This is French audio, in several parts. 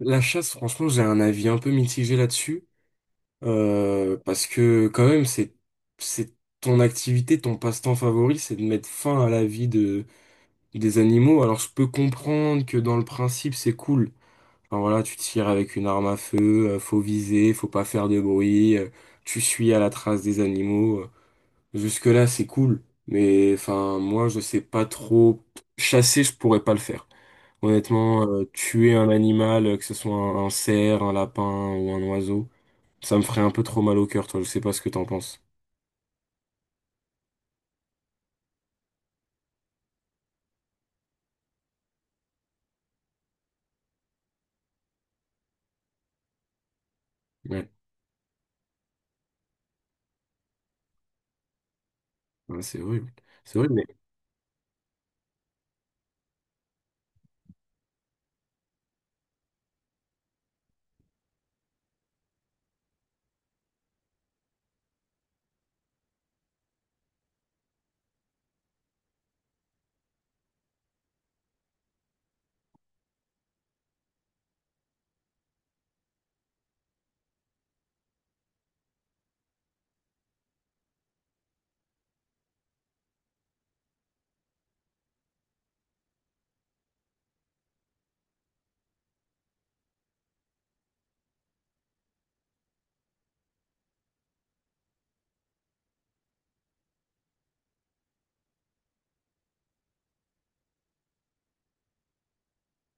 La chasse, franchement, j'ai un avis un peu mitigé là-dessus, parce que quand même, c'est ton activité, ton passe-temps favori, c'est de mettre fin à la vie de des animaux. Alors, je peux comprendre que dans le principe, c'est cool. Enfin voilà, tu tires avec une arme à feu, faut viser, faut pas faire de bruit, tu suis à la trace des animaux. Jusque-là, c'est cool, mais enfin, moi, je sais pas trop. Chasser, je pourrais pas le faire. Honnêtement, tuer un animal, que ce soit un cerf, un lapin ou un oiseau, ça me ferait un peu trop mal au cœur, toi. Je sais pas ce que t'en penses. Ouais, ouais, c'est horrible. C'est horrible, mais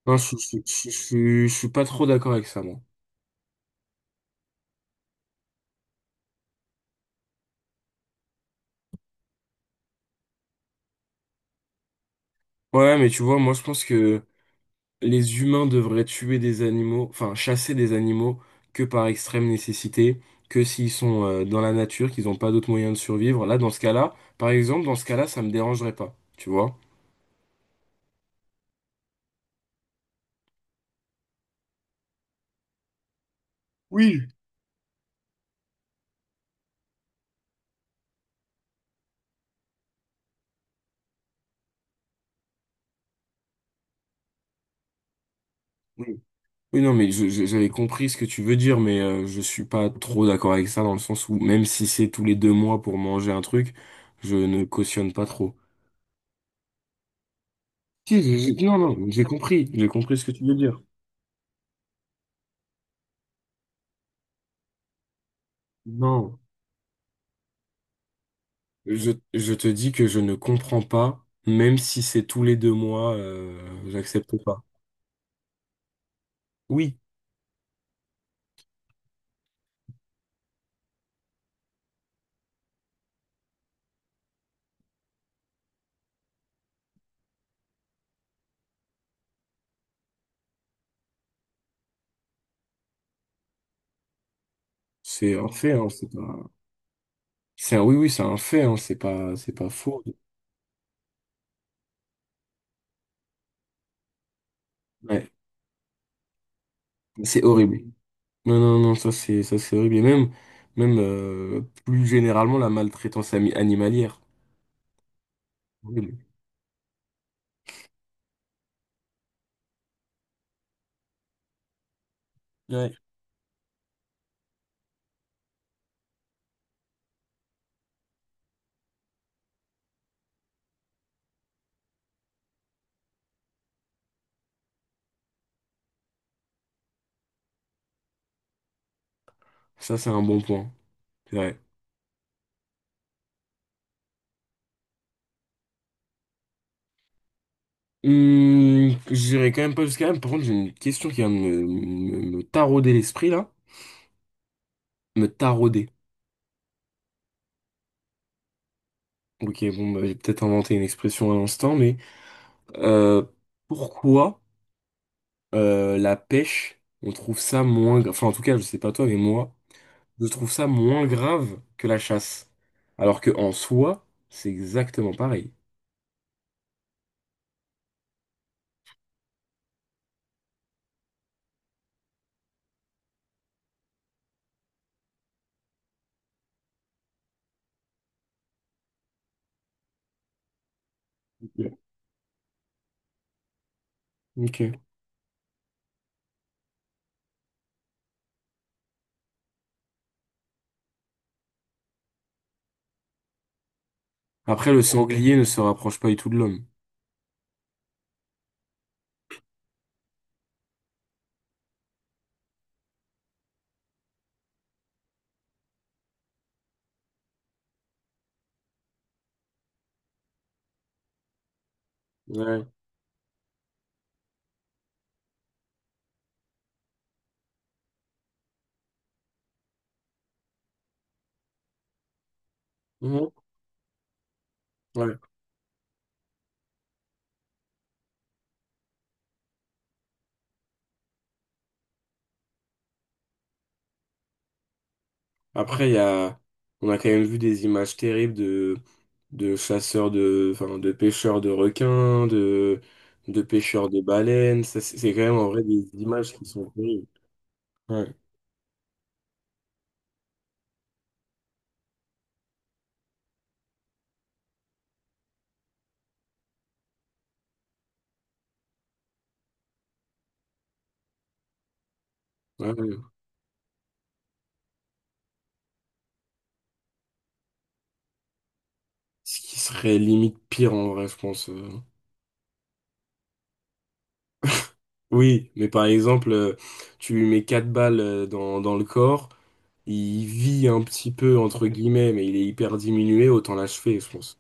non, je suis pas trop d'accord avec ça, moi. Ouais, mais tu vois, moi, je pense que les humains devraient tuer des animaux, enfin chasser des animaux que par extrême nécessité, que s'ils sont dans la nature, qu'ils n'ont pas d'autre moyen de survivre. Là, dans ce cas-là, par exemple, dans ce cas-là, ça me dérangerait pas, tu vois? Oui. Oui, oui, non, mais j'avais compris ce que tu veux dire, mais je suis pas trop d'accord avec ça dans le sens où même si c'est tous les deux mois pour manger un truc, je ne cautionne pas trop. Si, non, non, j'ai compris ce que tu veux dire. Non. Je te dis que je ne comprends pas, même si c'est tous les deux mois, j'accepte pas. Oui, c'est un fait, hein, c'est pas, c'est un, oui, oui, c'est un fait, hein, c'est pas faux. Ouais, c'est horrible. Non, non, non, ça c'est horrible. Et même, même plus généralement, la maltraitance animalière. Horrible. Ouais. Ça c'est un bon point. C'est vrai. J'irai quand même pas jusqu'à là. Par contre, j'ai une question qui vient de me tarauder l'esprit là, me tarauder. Ok, bon, bah, j'ai peut-être inventé une expression à l'instant, mais euh, pourquoi la pêche, on trouve ça moins grave, enfin en tout cas, je sais pas toi, mais moi, je trouve ça moins grave que la chasse. Alors que en soi, c'est exactement pareil. Ok. Ok. Après, le sanglier ne se rapproche pas du tout de l'homme. Ouais. Mhm. Ouais. Après, on a quand même vu des images terribles de chasseurs enfin, de pêcheurs de pêcheurs de baleines. Ça, c'est quand même en vrai des images qui sont terribles. Ouais, ouais, ouais. Ce qui serait limite pire en vrai, je pense. Oui, mais par exemple, tu lui mets 4 balles dans le corps, il vit un petit peu, entre guillemets, mais il est hyper diminué, autant l'achever, je pense.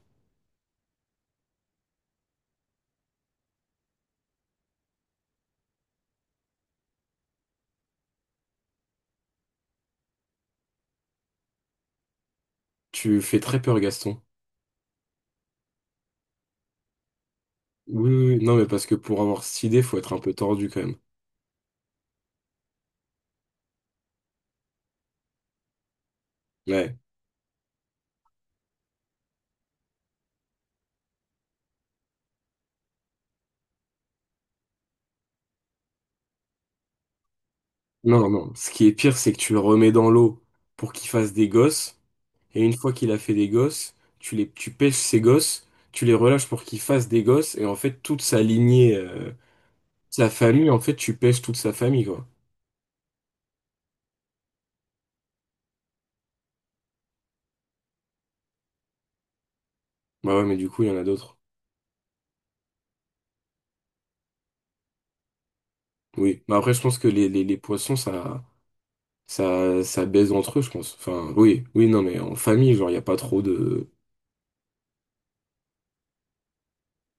Tu fais très peur, Gaston. Oui, oui, oui. Non, mais parce que pour avoir cette idée, faut être un peu tordu quand même. Ouais. Non, non. Ce qui est pire, c'est que tu le remets dans l'eau pour qu'il fasse des gosses. Et une fois qu'il a fait des gosses, tu pêches ces gosses, tu les relâches pour qu'ils fassent des gosses. Et en fait, toute sa lignée, sa famille, en fait, tu pêches toute sa famille, quoi. Bah ouais, mais du coup, il y en a d'autres. Oui. Mais après, je pense que les poissons, ça baise entre eux, je pense. Enfin, oui, oui, non, mais en famille, genre, il n'y a pas trop de.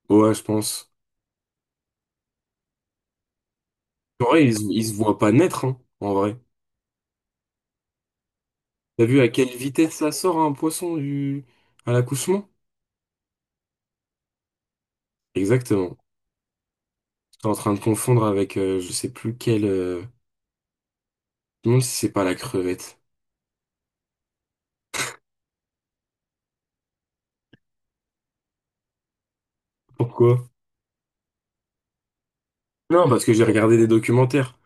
Ouais, je pense. En vrai, ils se voient pas naître, hein, en vrai. T'as vu à quelle vitesse ça sort un poisson du... à l'accouchement? Exactement. T'es en train de confondre avec je sais plus quel... Je me demande si c'est pas la crevette. Pourquoi? Non, parce que j'ai regardé des documentaires.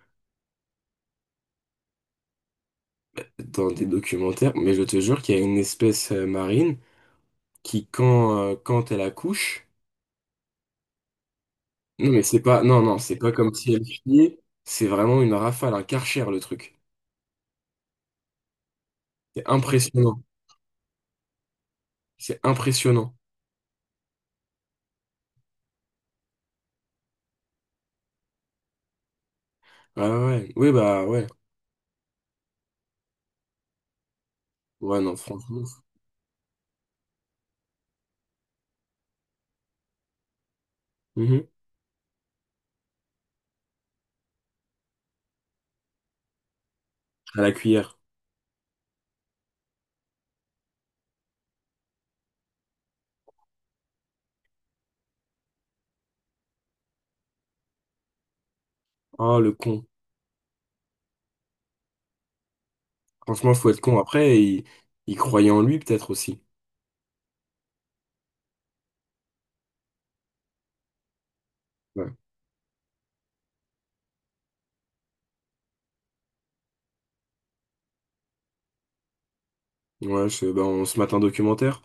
Dans des documentaires, mais je te jure qu'il y a une espèce marine qui, quand, quand elle accouche... Non, mais c'est pas... Non, non, c'est pas comme si elle chiait. C'est vraiment une rafale, un karcher, le truc. C'est impressionnant. C'est impressionnant. Ouais, ouais, ouais. Oui, bah, ouais. Ouais, non, franchement. Mhm. À la cuillère. Oh, le con. Franchement, faut être con. Après, il croyait en lui peut-être aussi. Ouais, ben, on se mate un documentaire.